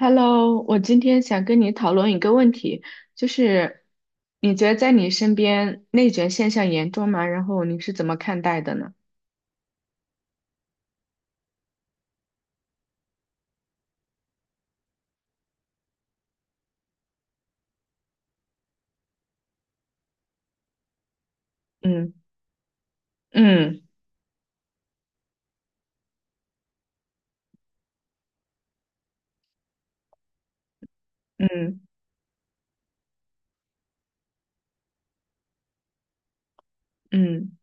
Hello，我今天想跟你讨论一个问题，就是你觉得在你身边内卷现象严重吗？然后你是怎么看待的呢？嗯嗯嗯嗯。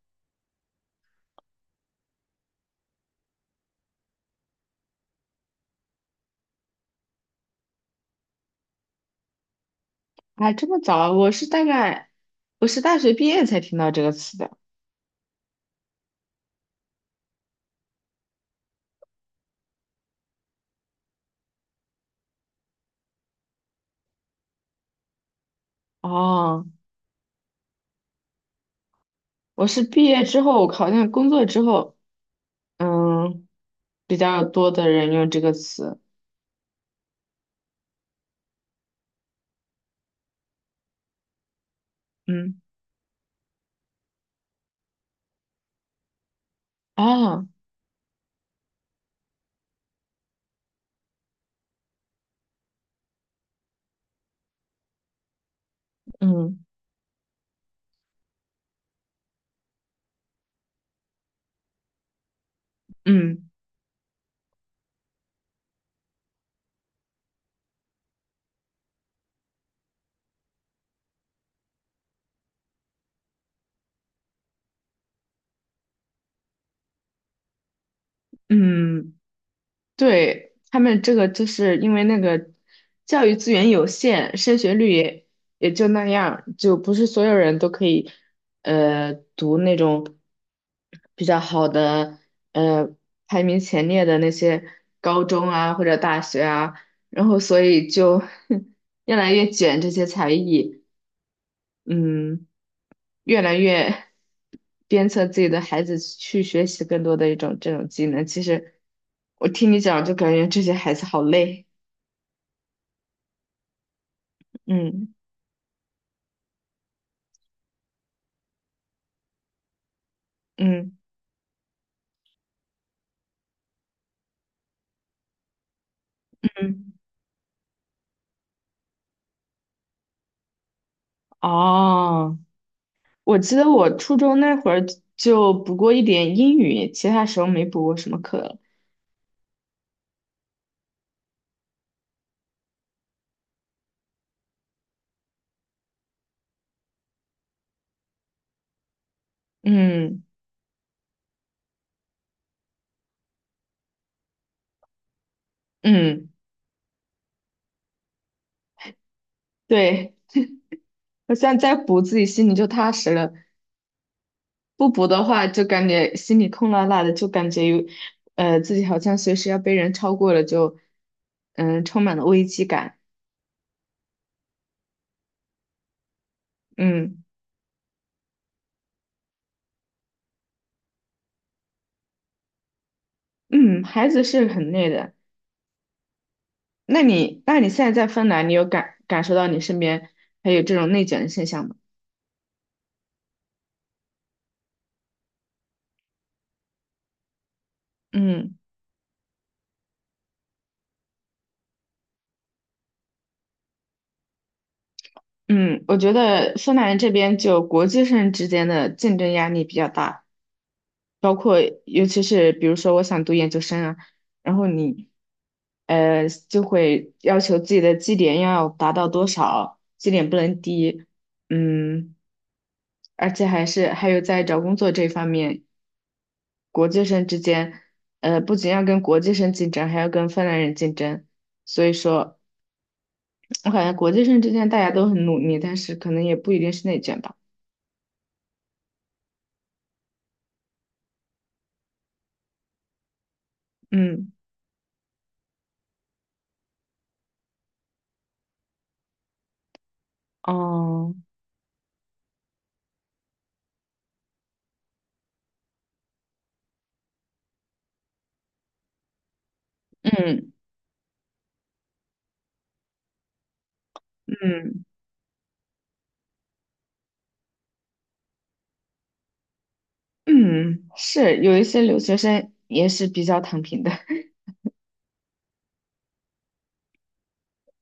啊，这么早啊？我是大学毕业才听到这个词的。哦，我是毕业之后，好像工作之后，嗯，比较多的人用这个词。嗯，哦，嗯嗯嗯。对，他们这个就是因为那个教育资源有限，升学率也就那样，就不是所有人都可以读那种比较好的呃排名前列的那些高中啊或者大学啊，然后所以就 越来越卷这些才艺。嗯。越来越鞭策自己的孩子去学习更多的一种这种技能。其实我听你讲，就感觉这些孩子好累。嗯嗯嗯。哦。我记得我初中那会儿就补过一点英语，其他时候没补过什么课了。嗯嗯。对，我现在再补，自己心里就踏实了。不补的话，就感觉心里空落落的，就感觉有，自己好像随时要被人超过了，就，充满了危机感。嗯嗯。孩子是很累的。那你现在在芬兰，你有受到你身边还有这种内卷的现象吗？嗯嗯。我觉得芬兰这边就国际上之间的竞争压力比较大。包括尤其是比如说我想读研究生啊，然后你就会要求自己的绩点要达到多少，绩点不能低，嗯，而且还有在找工作这方面，国际生之间，不仅要跟国际生竞争，还要跟芬兰人竞争，所以说我感觉国际生之间大家都很努力，但是可能也不一定是内卷吧。嗯，哦，嗯嗯。嗯，是有一些留学生也是比较躺平的，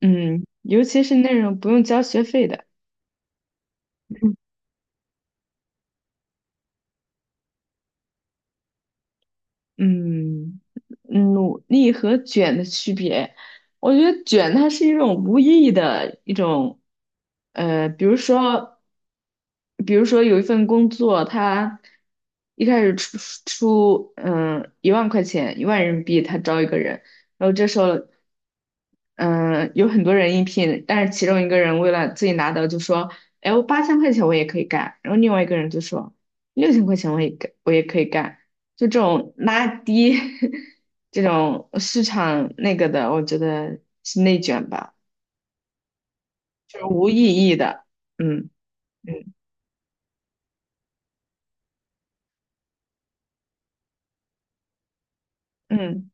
嗯，尤其是那种不用交学费的。嗯，努力和卷的区别，我觉得卷它是一种无意义的一种，呃，比如说，比如说有一份工作，他一开始出1万块钱，1万人民币，他招一个人，然后这时候，有很多人应聘，但是其中一个人为了自己拿到就说，哎，我8000块钱我也可以干，然后另外一个人就说6000块钱我也可以干。就这种拉低 这种市场那个的，我觉得是内卷吧，就是无意义的。嗯嗯嗯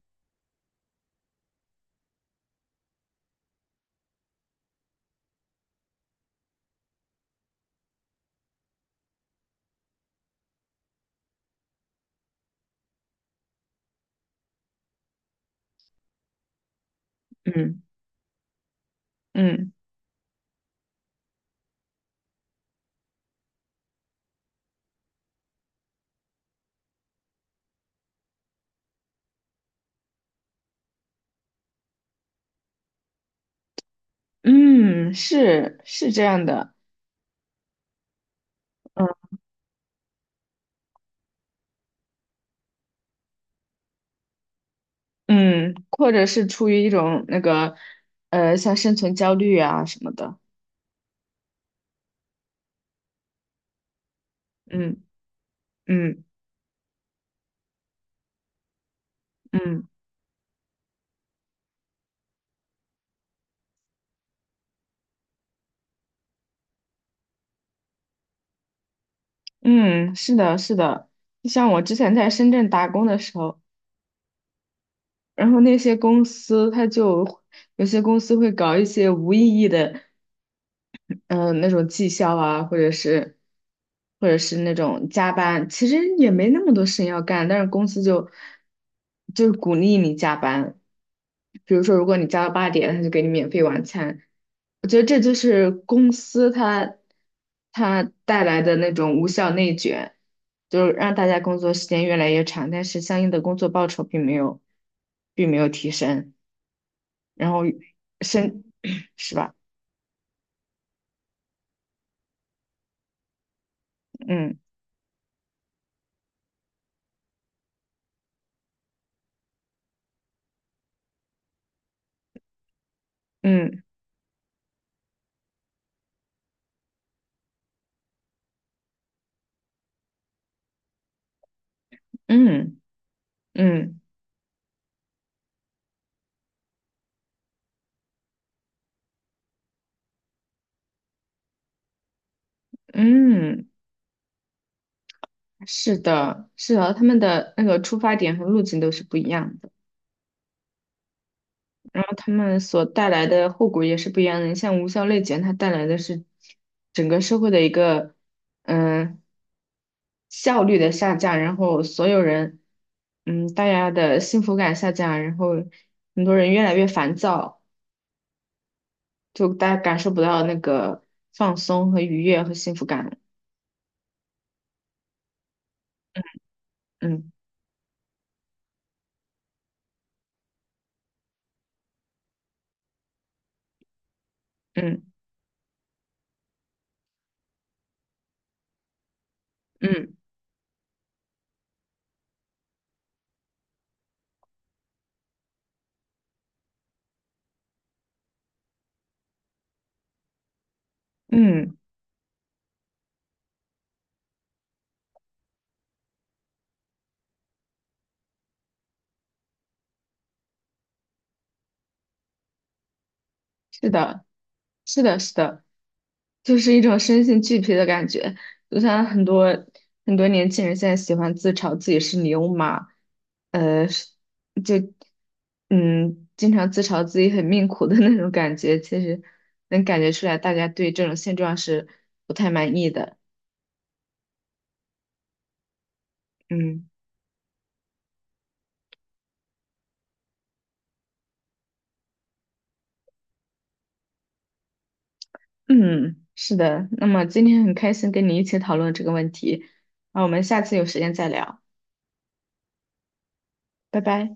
嗯嗯嗯。是是这样的。嗯嗯，或者是出于一种那个像生存焦虑啊什么的。嗯嗯嗯嗯，是的，是的。像我之前在深圳打工的时候，然后那些公司它就有些公司会搞一些无意义的。那种绩效啊，或者是那种加班，其实也没那么多事情要干，但是公司就是鼓励你加班。比如说，如果你加到8点，他就给你免费晚餐。我觉得这就是公司它带来的那种无效内卷，就是让大家工作时间越来越长，但是相应的工作报酬并没有提升，然后升 是吧？嗯嗯嗯。嗯嗯，是的，是的，他们的那个出发点和路径都是不一样的，然后他们所带来的后果也是不一样的。你像无效内卷，它带来的是整个社会的一个嗯效率的下降，然后所有人嗯大家的幸福感下降，然后很多人越来越烦躁，就大家感受不到那个放松和愉悦和幸福感了。嗯嗯嗯嗯。是的。是的，是的，就是一种身心俱疲的感觉。就像很多很多年轻人现在喜欢自嘲自己是牛马，呃，是就嗯，经常自嘲自己很命苦的那种感觉，其实能感觉出来，大家对这种现状是不太满意的。嗯嗯。是的。那么今天很开心跟你一起讨论这个问题，那我们下次有时间再聊，拜拜。